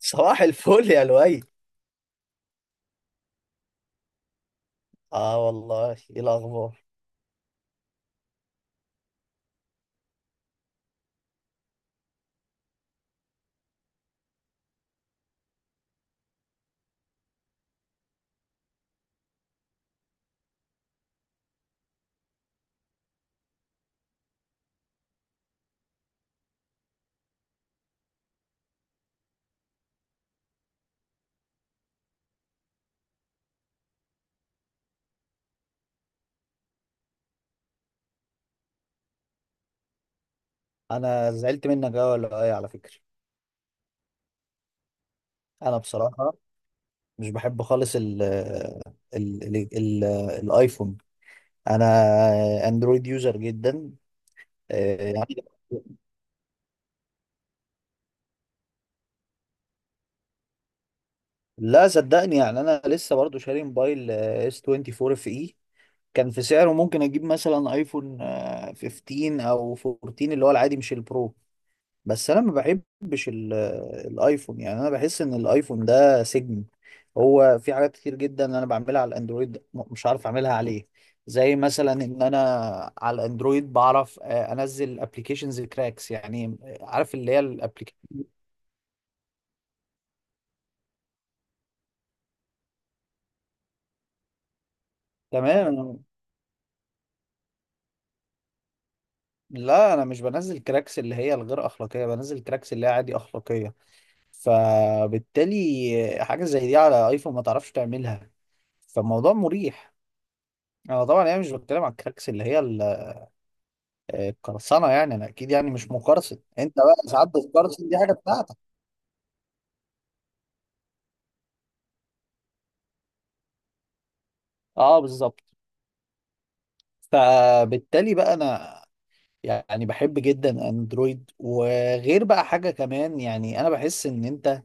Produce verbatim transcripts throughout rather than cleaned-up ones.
صباح الفل يا لؤي. اه والله، ايه الاخبار؟ انا زعلت منك قوي يا لؤي على فكره. انا بصراحه مش بحب خالص ال ال ال ال الايفون انا اندرويد يوزر جدا. آه، يعني. لا صدقني، يعني انا لسه برضو شاري موبايل آه، اس أربعة وعشرين اف اي. كان في سعره ممكن اجيب مثلا ايفون آه، خمسة عشر او أربعتاشر اللي هو العادي مش البرو. بس انا ما بحبش ال- الايفون. يعني انا بحس ان الايفون ده سجن. هو في حاجات كتير جدا انا بعملها على الاندرويد م- مش عارف اعملها عليه. زي مثلا ان انا على الاندرويد بعرف آه، انزل ابلكيشنز كراكس، يعني عارف اللي هي الابلكيشن. تمام. لا انا مش بنزل كراكس اللي هي الغير اخلاقيه، بنزل كراكس اللي هي عادي اخلاقيه. فبالتالي حاجه زي دي على ايفون ما تعرفش تعملها، فالموضوع مريح. انا طبعا يعني مش بتكلم على الكراكس اللي هي ال آه، قرصنه، يعني انا اكيد يعني مش مقرصن. انت بقى ساعات بتقرصن، دي حاجه بتاعتك. اه بالظبط. فبالتالي بقى انا يعني بحب جدا اندرويد. وغير بقى حاجه كمان، يعني انا بحس ان انت.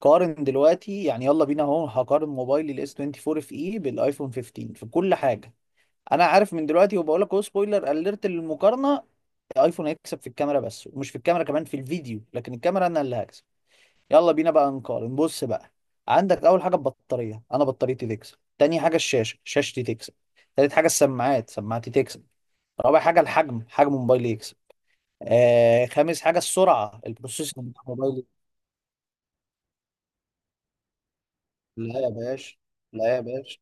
قارن دلوقتي، يعني يلا بينا اهو هقارن موبايلي الاس أربعة وعشرين اف اي بالايفون خمسة عشر في كل حاجه. انا عارف من دلوقتي وبقول لك اهو، سبويلر اليرت للمقارنه، الايفون هيكسب في الكاميرا بس. ومش في الكاميرا كمان، في الفيديو، لكن الكاميرا انا اللي هكسب. يلا بينا بقى نقارن. بص بقى، عندك اول حاجه البطاريه، انا بطاريتي تكسب. تاني حاجه الشاشه، شاشتي تكسب. تالت حاجه السماعات، سماعتي تكسب. رابع حاجه الحجم، حجم موبايلي يكسب. آه، خامس حاجه السرعه، البروسيسور بتاع موبايلي. لا يا باشا، لا يا باشا.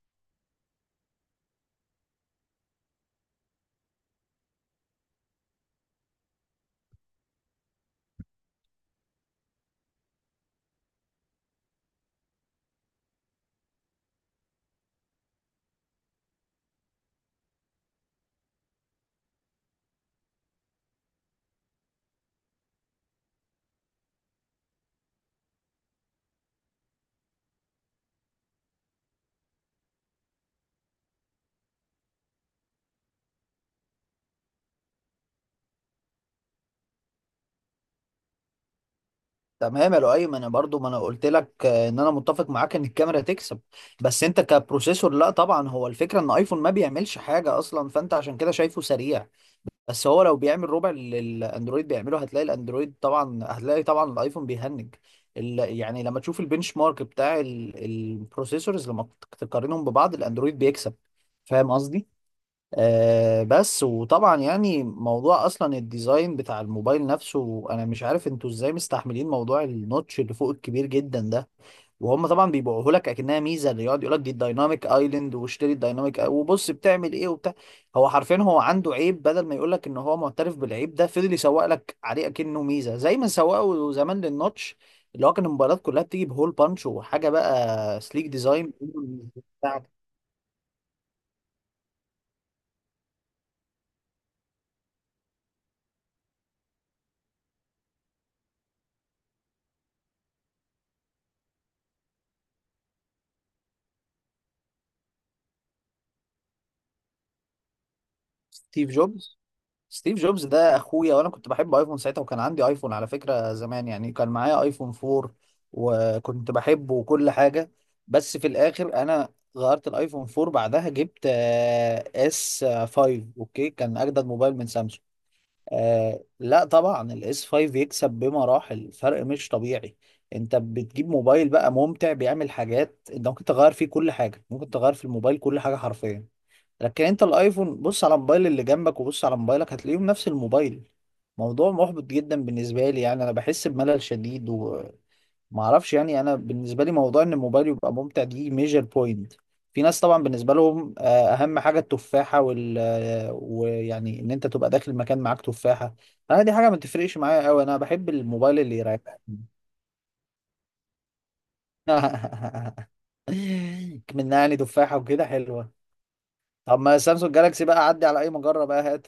تمام يا لؤي، انا برضو ما انا قلت لك آه، ان انا متفق معاك ان الكاميرا تكسب. بس انت كبروسيسور لا. طبعا هو الفكره ان ايفون ما بيعملش حاجه اصلا، فانت عشان كده شايفه سريع. بس هو لو بيعمل ربع اللي الاندرويد بيعمله هتلاقي الاندرويد، طبعا هتلاقي طبعا الايفون بيهنج. ال... يعني لما تشوف البنش مارك بتاع ال... البروسيسورز، لما تقارنهم ببعض الاندرويد بيكسب. فاهم قصدي؟ آه. بس، وطبعا يعني موضوع اصلا الديزاين بتاع الموبايل نفسه، انا مش عارف انتوا ازاي مستحملين موضوع النوتش اللي فوق الكبير جدا ده. وهم طبعا بيبيعوه لك اكنها ميزه، اللي يقعد يقول لك دي الدايناميك ايلاند، واشتري الدايناميك آي- وبص بتعمل ايه وبتاع. هو حرفيا هو عنده عيب، بدل ما يقول لك ان هو معترف بالعيب ده، فضل يسوق لك عليه اكنه ميزه، زي ما سوقوا زمان للنوتش اللي هو كان الموبايلات كلها بتيجي بهول بانش، وحاجه بقى سليك ديزاين بتاع ستيف جوبز. ستيف جوبز ده اخويا، وانا كنت بحب ايفون ساعتها، وكان عندي ايفون على فكرة زمان، يعني كان معايا ايفون أربعة وكنت بحبه وكل حاجة. بس في الاخر انا غيرت الايفون اربعه، بعدها جبت اس خمسة. اوكي، كان اجدد موبايل من سامسونج. آه لا، طبعا الاس خمسة يكسب بمراحل، فرق مش طبيعي. انت بتجيب موبايل بقى ممتع، بيعمل حاجات، انت ممكن تغير فيه كل حاجة، ممكن تغير في الموبايل كل حاجة حرفيا. لكن انت الايفون بص على الموبايل اللي جنبك وبص على موبايلك، هتلاقيهم نفس الموبايل. موضوع محبط جدا بالنسبة لي، يعني انا بحس بملل شديد. ما اعرفش، يعني انا بالنسبه لي موضوع ان الموبايل يبقى ممتع دي ميجر بوينت. في ناس طبعا بالنسبه لهم آه، اهم حاجه التفاحه، وال آه، ويعني ان انت تبقى داخل المكان معاك تفاحه. انا دي حاجه ما تفرقش معايا قوي، انا بحب الموبايل اللي يريحني. منعني تفاحه وكده حلوه. طب ما سامسونج جالاكسي بقى عدي على اي مجره بقى هات.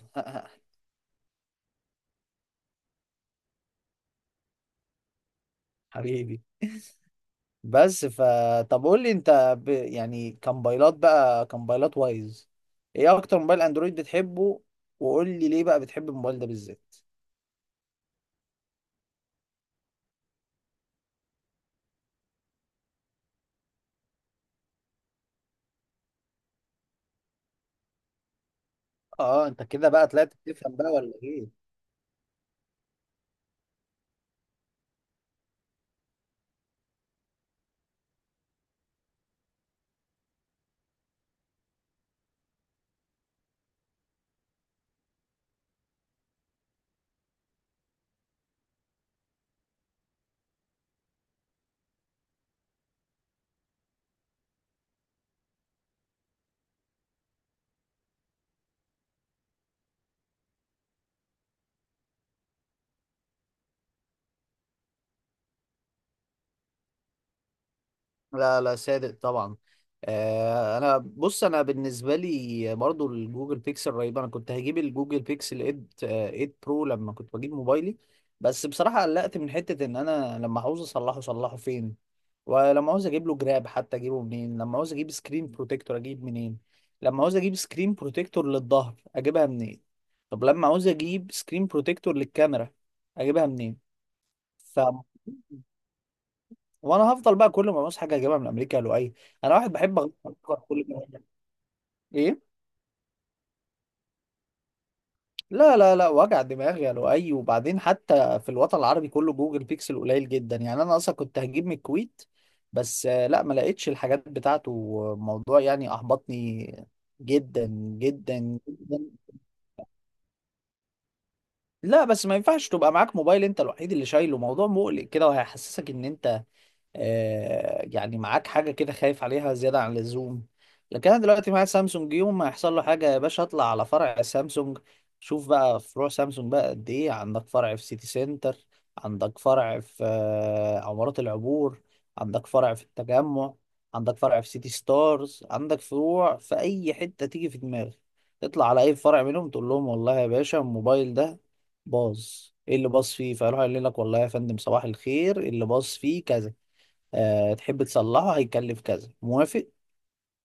حبيبي. بس فطب قول لي انت ب... يعني كموبايلات بقى، كموبايلات وايز، ايه اكتر موبايل اندرويد بتحبه؟ وقول لي ليه بقى بتحب الموبايل ده بالذات؟ اه، انت كده بقى طلعت بتفهم بقى ولا ايه؟ لا لا، صادق طبعا. آه، انا بص انا بالنسبه لي برضو الجوجل بيكسل رهيب. انا كنت هجيب الجوجل بيكسل تمانية، آه، تمانية برو لما كنت بجيب موبايلي. بس بصراحه قلقت من حته ان انا لما عاوز اصلحه اصلحه فين؟ ولما عاوز اجيب له جراب حتى اجيبه منين؟ لما عاوز اجيب سكرين بروتكتور اجيب منين؟ لما عاوز اجيب سكرين بروتكتور للظهر اجيبها منين؟ طب لما عاوز اجيب سكرين بروتكتور للكاميرا اجيبها منين؟ ف وانا هفضل بقى كل ما ابص حاجه اجيبها من امريكا يا لؤي. انا واحد بحب اغير. كل ما ايه؟ لا لا لا، وجع دماغ يا لؤي. وبعدين حتى في الوطن العربي كله جوجل بيكسل قليل جدا، يعني انا اصلا كنت هجيب من الكويت بس آه، لا، ما لقيتش الحاجات بتاعته. موضوع يعني احبطني جدا جدا جدا. لا بس ما ينفعش تبقى معاك موبايل انت الوحيد اللي شايله، موضوع مقلق كده، وهيحسسك ان انت آه، يعني معاك حاجة كده، خايف عليها زيادة عن اللزوم. لكن أنا دلوقتي معايا سامسونج، يوم ما يحصل له حاجة يا باشا أطلع على فرع سامسونج. شوف بقى فروع سامسونج بقى قد إيه، عندك فرع في سيتي سنتر، عندك فرع في آه، عمارات العبور، عندك فرع في التجمع، عندك فرع في سيتي ستارز، عندك فروع في أي حتة تيجي في دماغك. تطلع على أي فرع منهم تقول لهم والله يا باشا الموبايل ده باظ. ايه اللي باظ فيه؟ فيروح يقول لك والله يا فندم صباح الخير، اللي باظ فيه كذا. أه تحب تصلحه؟ هيكلف كذا. موافق؟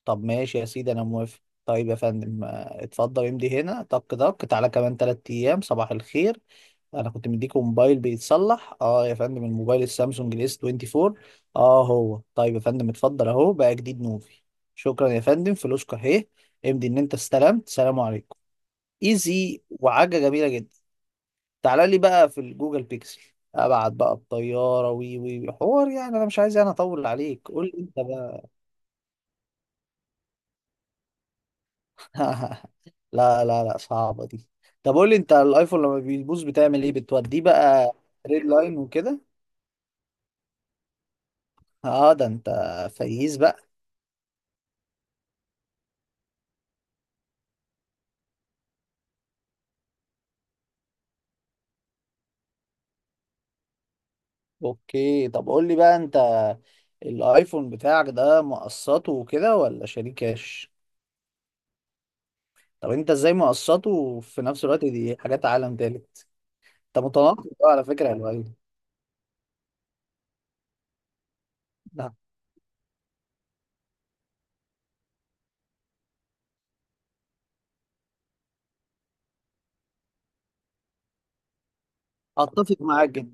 طب ماشي يا سيدي انا موافق. طيب يا فندم آه، اتفضل امضي هنا، طك طك، تعالى كمان تلات ايام. صباح الخير، انا كنت مديك موبايل بيتصلح. اه يا فندم الموبايل السامسونج الاس أربعة وعشرين. اه هو. طيب يا فندم اتفضل، اهو بقى جديد نوفي. شكرا يا فندم، فلوسك اهي، امضي ان انت استلمت. سلام عليكم. ايزي، وحاجه جميله جدا. تعالى لي بقى في الجوجل بيكسل، ابعت بقى الطياره، وي وي وي. حوار. يعني انا مش عايز انا اطول عليك، قول لي انت. لا لا لا، صعبة دي. طب قول لي، انت الايفون لما بيبوظ بتعمل ايه؟ بتوديه بقى ريد لاين وكده؟ اه ده انت فييز بقى. اوكي، طب قول لي بقى انت الايفون بتاعك ده مقسطه وكده ولا شاريه كاش؟ طب انت ازاي مقسطه وفي نفس الوقت دي حاجات عالم تالت؟ انت متناقض بقى على فكرة يا لؤي. ده. اتفق معاك.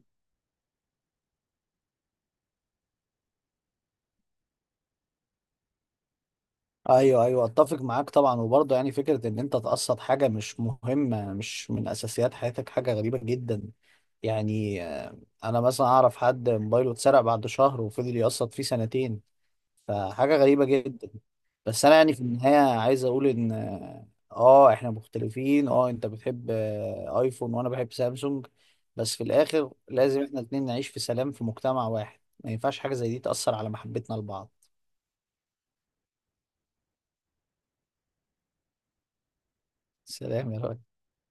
ايوه ايوه، اتفق معاك طبعا. وبرضه يعني فكره ان انت تقسط حاجه مش مهمه مش من اساسيات حياتك، حاجه غريبه جدا. يعني آه، انا مثلا اعرف حد موبايله اتسرق بعد شهر وفضل يقسط فيه سنتين، فحاجه غريبه جدا. بس انا يعني في النهايه عايز اقول ان اه، آه، احنا مختلفين، اه انت بتحب آه، ايفون وانا بحب سامسونج، بس في الاخر لازم احنا الاتنين نعيش في سلام في مجتمع واحد، ما ينفعش حاجه زي دي تاثر على محبتنا لبعض. سلام يا راجل.